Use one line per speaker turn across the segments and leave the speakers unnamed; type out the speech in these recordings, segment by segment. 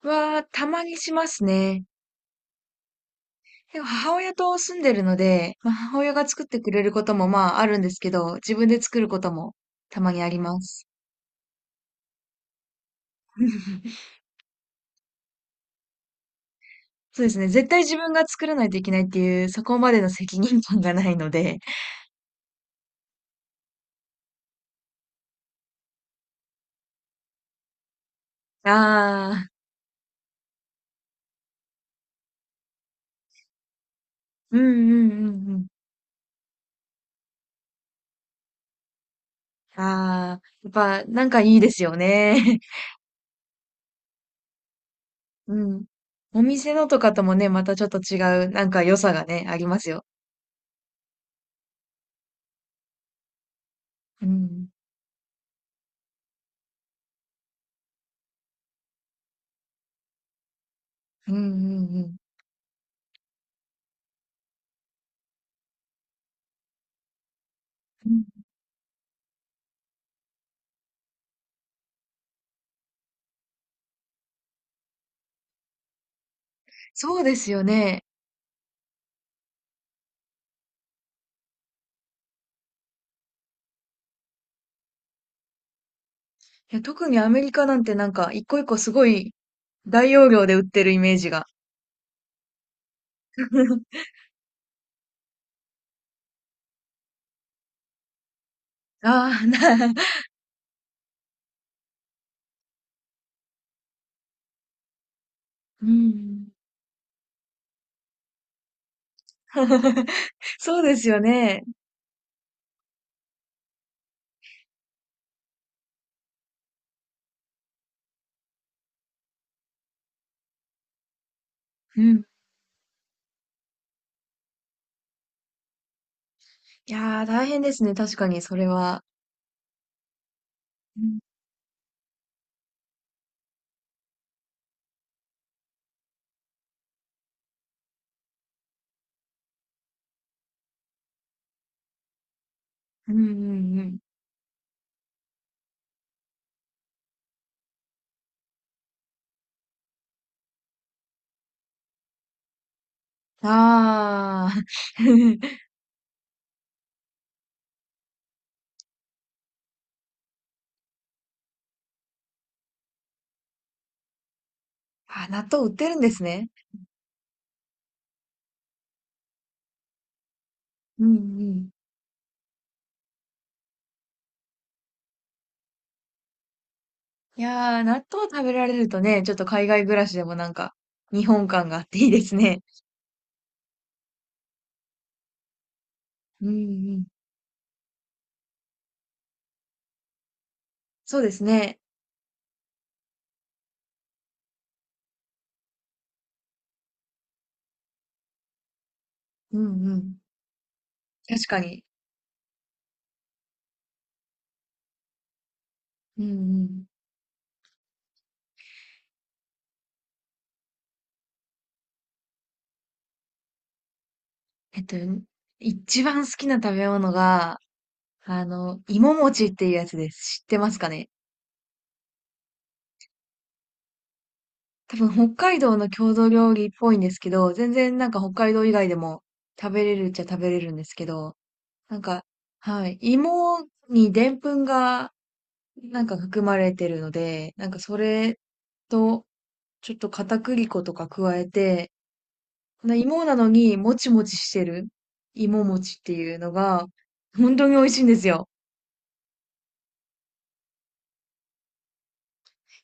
は、たまにしますね。でも母親と住んでるので、まあ、母親が作ってくれることもまああるんですけど、自分で作ることもたまにあります。そうですね。絶対自分が作らないといけないっていう、そこまでの責任感がないので。ああ、うんうんうんうん。ああ、やっぱなんかいいですよね。うん。お店のとかともね、またちょっと違う、なんか良さがね、ありますよ。うん。うんうんうん。うん、そうですよね。いや、特にアメリカなんてなんか、一個一個すごい大容量で売ってるイメージが。ああ、な、うん。そうですよね。うん。いやー、大変ですね。確かに、それは。うん、うん、うんうん。ああ。あ、納豆売ってるんですね。うん、うん。いやー、納豆食べられるとね、ちょっと海外暮らしでもなんか、日本感があっていいですね。うん、うん。そうですね。うん、うん。確かに。うん、うん。えっと、一番好きな食べ物が、あの、芋餅っていうやつです。知ってますかね？多分北海道の郷土料理っぽいんですけど、全然なんか北海道以外でも食べれるっちゃ食べれるんですけど、なんか、はい、芋にでんぷんがなんか含まれてるので、なんかそれとちょっと片栗粉とか加えて、この芋なのにもちもちしてる芋餅っていうのが本当に美味しいんですよ。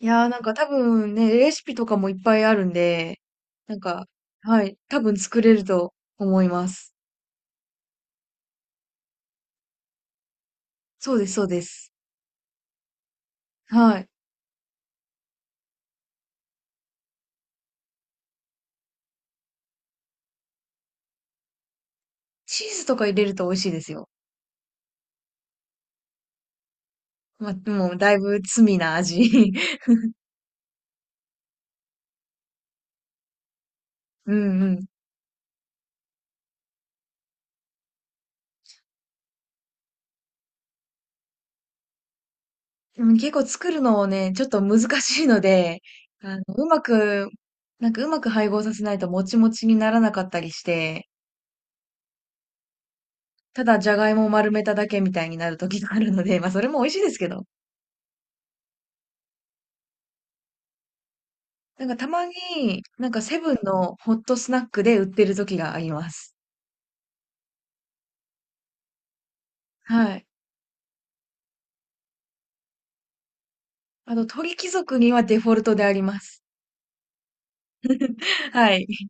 いやーなんか多分ね、レシピとかもいっぱいあるんで、なんか、はい、多分作れると思います。そうです、そうです。はい。チーズとか入れると美味しいですよ。まあ、でだいぶ罪な味。うんうん。でも結構作るのをね、ちょっと難しいので、あの、うまく、なんかうまく配合させないともちもちにならなかったりして、ただじゃがいもを丸めただけみたいになる時があるので、まあそれも美味しいですけど。なんかたまに、なんかセブンのホットスナックで売ってる時があります。はい。あと、鳥貴族にはデフォルトであります。はい。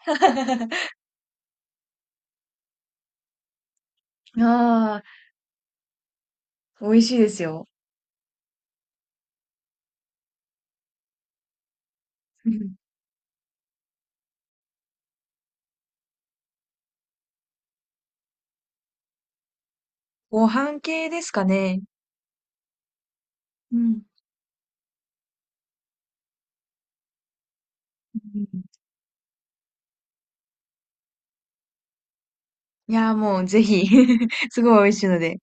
ああ、美味しいですよ。うん。ご飯系ですかね。うん。うん。いやー、もうぜひ すごい美味しいので。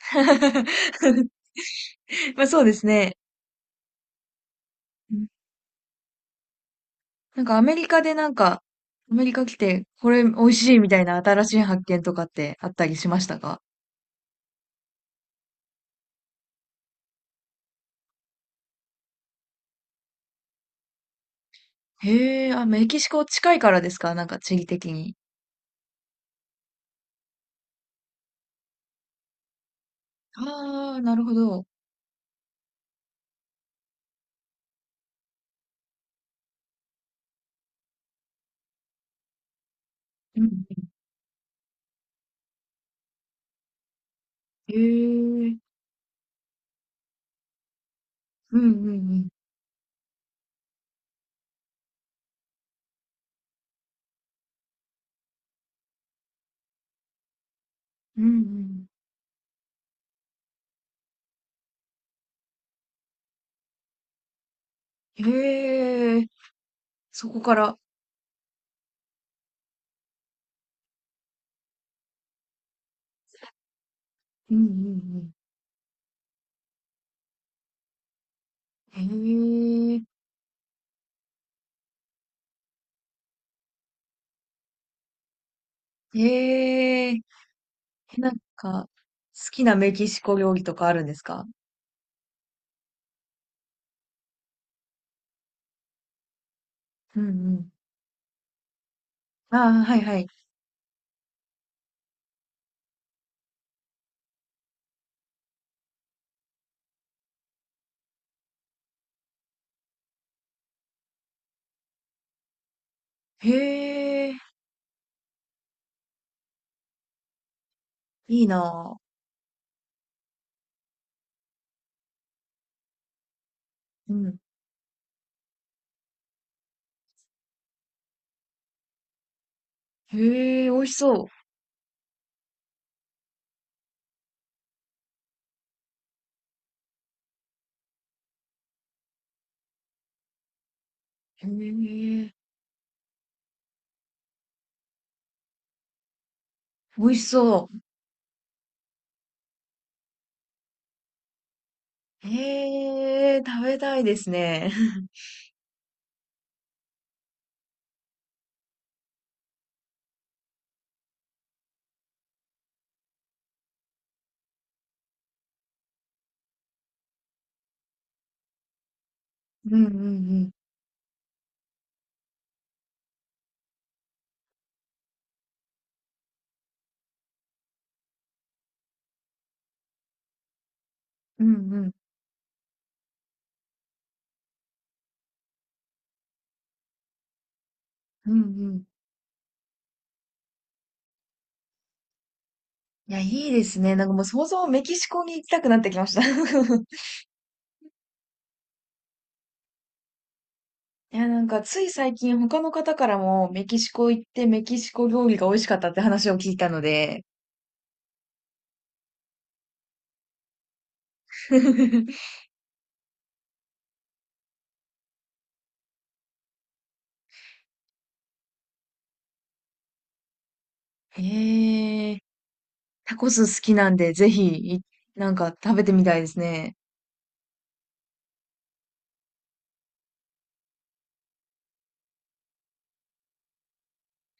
まあそうですね。うん。なんかアメリカでなんか、アメリカ来て、これ美味しいみたいな新しい発見とかってあったりしましたか？へえ、あ、メキシコ近いからですか？なんか地理的に。ああ、なるほど。うん。へえ。うんうんうん。うんうん。へえ。そこから。うんうんうん。へえ。へえ。なんか、好きなメキシコ料理とかあるんですか？うんうん。ああ、はいはい。へえ。いいなぁ。うん。へえ、美味しそう。へえ。美味しそう。へえ、食べたいですね。うんうんうん。うんうん。うんうん。いや、いいですね。なんかもう想像メキシコに行きたくなってきました。いや、なんかつい最近他の方からもメキシコ行ってメキシコ料理が美味しかったって話を聞いたので。へ。タコス好きなんで、ぜひ、い、なんか食べてみたいですね。